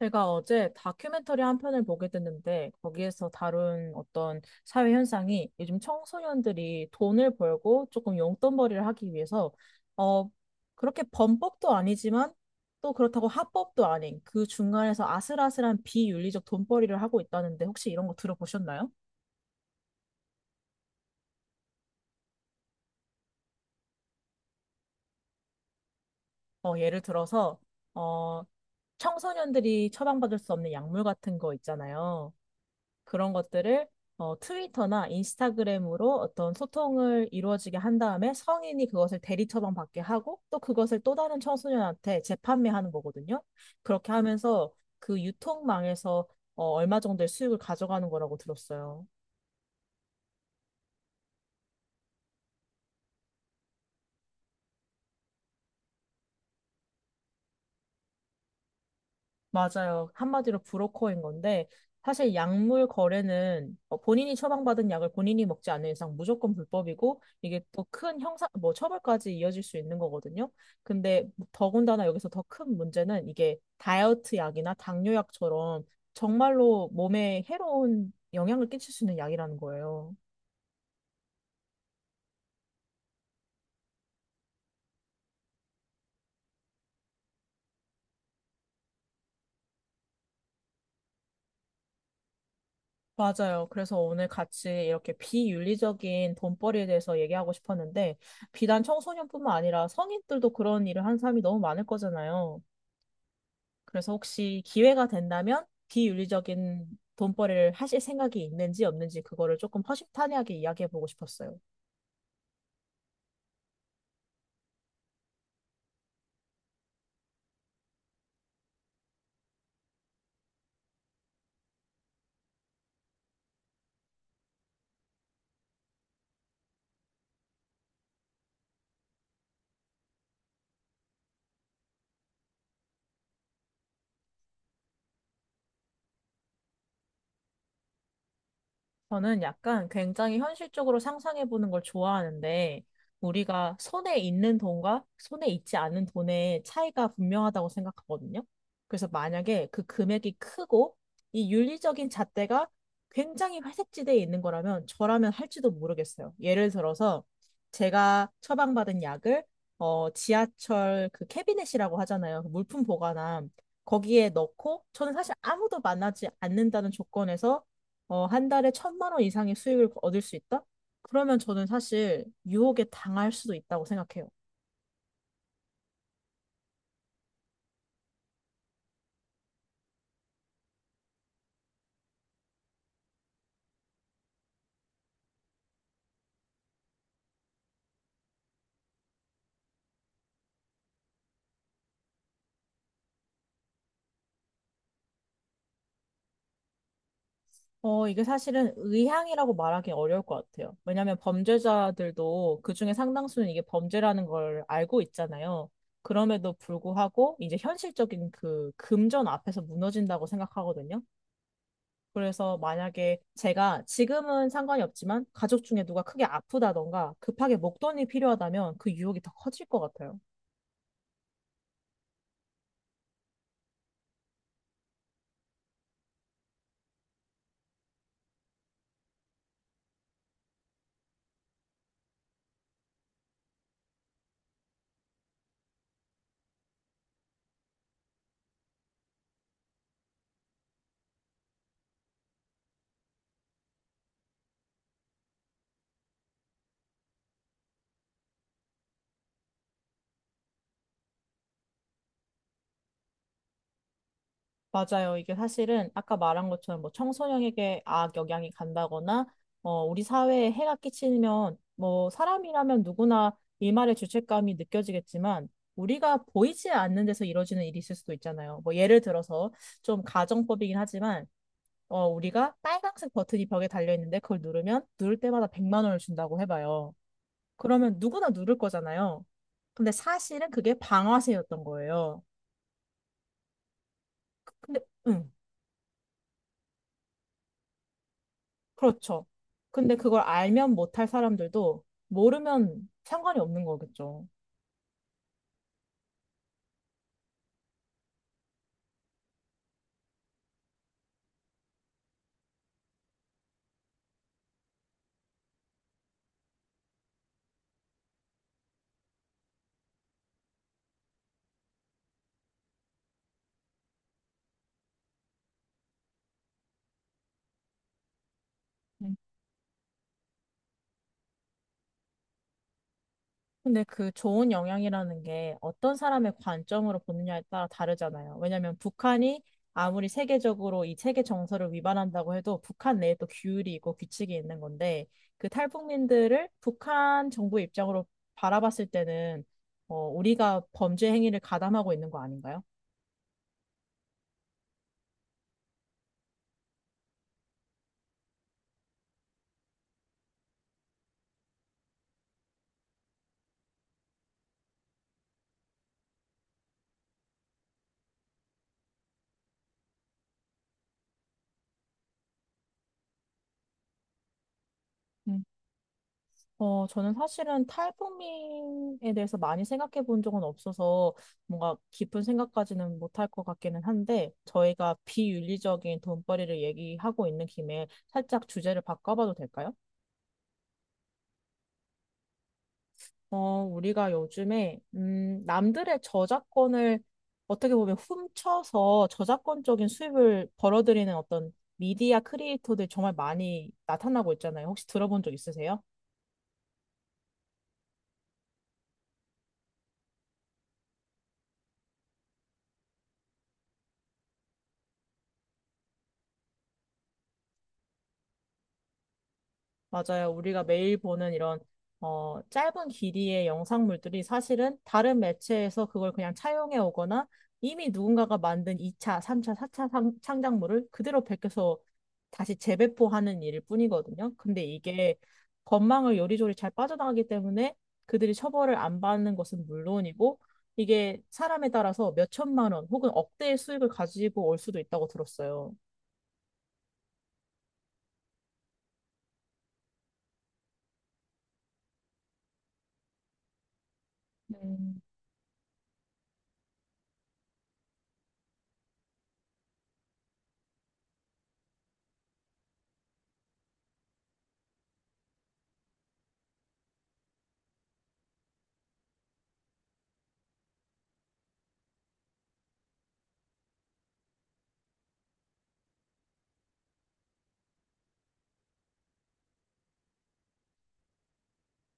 제가 어제 다큐멘터리 한 편을 보게 됐는데 거기에서 다룬 어떤 사회 현상이 요즘 청소년들이 돈을 벌고 조금 용돈벌이를 하기 위해서 어 그렇게 범법도 아니지만 또 그렇다고 합법도 아닌 그 중간에서 아슬아슬한 비윤리적 돈벌이를 하고 있다는데 혹시 이런 거 들어보셨나요? 예를 들어서 어 청소년들이 처방받을 수 없는 약물 같은 거 있잖아요. 그런 것들을 트위터나 인스타그램으로 어떤 소통을 이루어지게 한 다음에 성인이 그것을 대리 처방받게 하고 또 그것을 또 다른 청소년한테 재판매하는 거거든요. 그렇게 하면서 그 유통망에서 얼마 정도의 수익을 가져가는 거라고 들었어요. 맞아요. 한마디로 브로커인 건데, 사실 약물 거래는 본인이 처방받은 약을 본인이 먹지 않는 이상 무조건 불법이고, 이게 또 큰 형사, 뭐 처벌까지 이어질 수 있는 거거든요. 근데 더군다나 여기서 더 큰 문제는 이게 다이어트 약이나 당뇨약처럼 정말로 몸에 해로운 영향을 끼칠 수 있는 약이라는 거예요. 맞아요. 그래서 오늘 같이 이렇게 비윤리적인 돈벌이에 대해서 얘기하고 싶었는데, 비단 청소년뿐만 아니라 성인들도 그런 일을 하는 사람이 너무 많을 거잖아요. 그래서 혹시 기회가 된다면 비윤리적인 돈벌이를 하실 생각이 있는지 없는지 그거를 조금 허심탄회하게 이야기해 보고 싶었어요. 저는 약간 굉장히 현실적으로 상상해 보는 걸 좋아하는데, 우리가 손에 있는 돈과 손에 있지 않은 돈의 차이가 분명하다고 생각하거든요. 그래서 만약에 그 금액이 크고, 이 윤리적인 잣대가 굉장히 회색지대에 있는 거라면 저라면 할지도 모르겠어요. 예를 들어서 제가 처방받은 약을 지하철 그 캐비넷이라고 하잖아요. 그 물품 보관함. 거기에 넣고 저는 사실 아무도 만나지 않는다는 조건에서 한 달에 1,000만 원 이상의 수익을 얻을 수 있다? 그러면 저는 사실 유혹에 당할 수도 있다고 생각해요. 이게 사실은 의향이라고 말하기 어려울 것 같아요. 왜냐하면 범죄자들도 그중에 상당수는 이게 범죄라는 걸 알고 있잖아요. 그럼에도 불구하고 이제 현실적인 그 금전 앞에서 무너진다고 생각하거든요. 그래서 만약에 제가 지금은 상관이 없지만 가족 중에 누가 크게 아프다던가 급하게 목돈이 필요하다면 그 유혹이 더 커질 것 같아요. 맞아요. 이게 사실은 아까 말한 것처럼 뭐 청소년에게 악영향이 간다거나, 우리 사회에 해가 끼치면, 뭐 사람이라면 누구나 일말의 죄책감이 느껴지겠지만, 우리가 보이지 않는 데서 이루어지는 일이 있을 수도 있잖아요. 뭐 예를 들어서 좀 가정법이긴 하지만, 우리가 빨간색 버튼이 벽에 달려 있는데 그걸 누르면 누를 때마다 100만 원을 준다고 해봐요. 그러면 누구나 누를 거잖아요. 근데 사실은 그게 방아쇠였던 거예요. 근데, 응. 그렇죠. 근데 그걸 알면 못할 사람들도 모르면 상관이 없는 거겠죠. 음. 근데 그 좋은 영향이라는 게 어떤 사람의 관점으로 보느냐에 따라 다르잖아요. 왜냐하면 북한이 아무리 세계적으로 이 세계 정서를 위반한다고 해도 북한 내에 또 규율이 있고 규칙이 있는 건데 그 탈북민들을 북한 정부 입장으로 바라봤을 때는 우리가 범죄 행위를 가담하고 있는 거 아닌가요? 저는 사실은 탈북민에 대해서 많이 생각해 본 적은 없어서 뭔가 깊은 생각까지는 못할 것 같기는 한데 저희가 비윤리적인 돈벌이를 얘기하고 있는 김에 살짝 주제를 바꿔봐도 될까요? 우리가 요즘에, 남들의 저작권을 어떻게 보면 훔쳐서 저작권적인 수입을 벌어들이는 어떤 미디어 크리에이터들 정말 많이 나타나고 있잖아요. 혹시 들어본 적 있으세요? 맞아요. 우리가 매일 보는 이런 짧은 길이의 영상물들이 사실은 다른 매체에서 그걸 그냥 차용해 오거나 이미 누군가가 만든 2차, 3차, 4차 창작물을 그대로 베껴서 다시 재배포하는 일일 뿐이거든요. 근데 이게 건망을 요리조리 잘 빠져나가기 때문에 그들이 처벌을 안 받는 것은 물론이고 이게 사람에 따라서 몇천만 원 혹은 억대의 수익을 가지고 올 수도 있다고 들었어요. 네.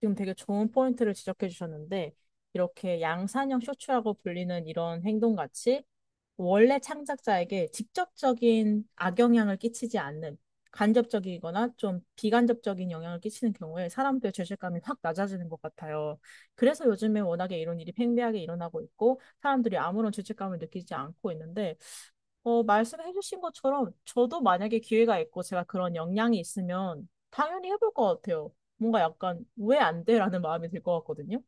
지금 되게 좋은 포인트를 지적해 주셨는데, 이렇게 양산형 쇼츠라고 불리는 이런 행동같이 원래 창작자에게 직접적인 악영향을 끼치지 않는 간접적이거나 좀 비간접적인 영향을 끼치는 경우에 사람들의 죄책감이 확 낮아지는 것 같아요. 그래서 요즘에 워낙에 이런 일이 팽배하게 일어나고 있고 사람들이 아무런 죄책감을 느끼지 않고 있는데 말씀해 주신 것처럼 저도 만약에 기회가 있고 제가 그런 역량이 있으면 당연히 해볼 것 같아요. 뭔가 약간 왜 안 돼? 라는 마음이 들 것 같거든요.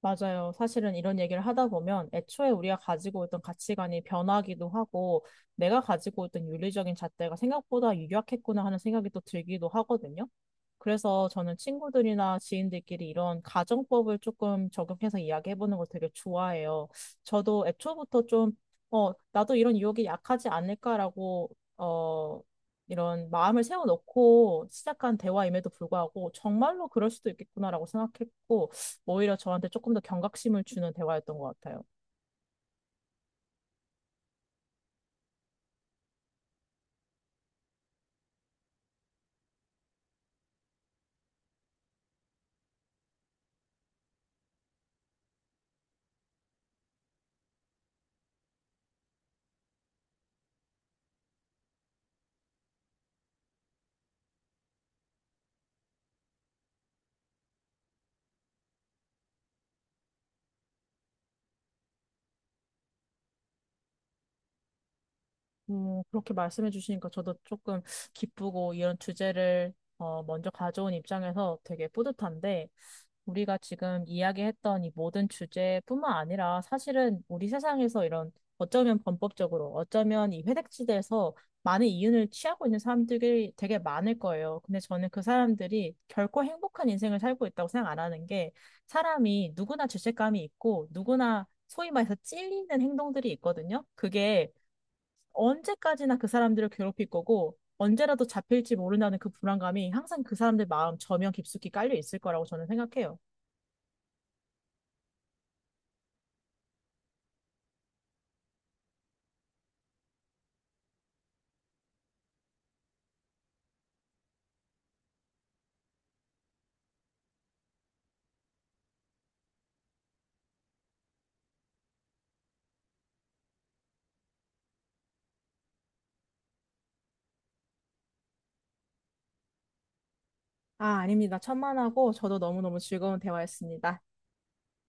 맞아요. 사실은 이런 얘기를 하다 보면 애초에 우리가 가지고 있던 가치관이 변하기도 하고 내가 가지고 있던 윤리적인 잣대가 생각보다 유약했구나 하는 생각이 또 들기도 하거든요. 그래서 저는 친구들이나 지인들끼리 이런 가정법을 조금 적용해서 이야기해보는 걸 되게 좋아해요. 저도 애초부터 좀, 나도 이런 유혹이 약하지 않을까라고, 어, 이런 마음을 세워놓고 시작한 대화임에도 불구하고 정말로 그럴 수도 있겠구나라고 생각했고, 오히려 저한테 조금 더 경각심을 주는 대화였던 것 같아요. 그렇게 말씀해 주시니까 저도 조금 기쁘고 이런 주제를 먼저 가져온 입장에서 되게 뿌듯한데 우리가 지금 이야기했던 이 모든 주제뿐만 아니라 사실은 우리 세상에서 이런 어쩌면 범법적으로 어쩌면 이 회색지대에서 많은 이윤을 취하고 있는 사람들이 되게 많을 거예요. 근데 저는 그 사람들이 결코 행복한 인생을 살고 있다고 생각 안 하는 게 사람이 누구나 죄책감이 있고 누구나 소위 말해서 찔리는 행동들이 있거든요. 그게 언제까지나 그 사람들을 괴롭힐 거고 언제라도 잡힐지 모른다는 그 불안감이 항상 그 사람들 마음 저면 깊숙이 깔려 있을 거라고 저는 생각해요. 아, 아닙니다. 천만하고 저도 너무너무 즐거운 대화였습니다.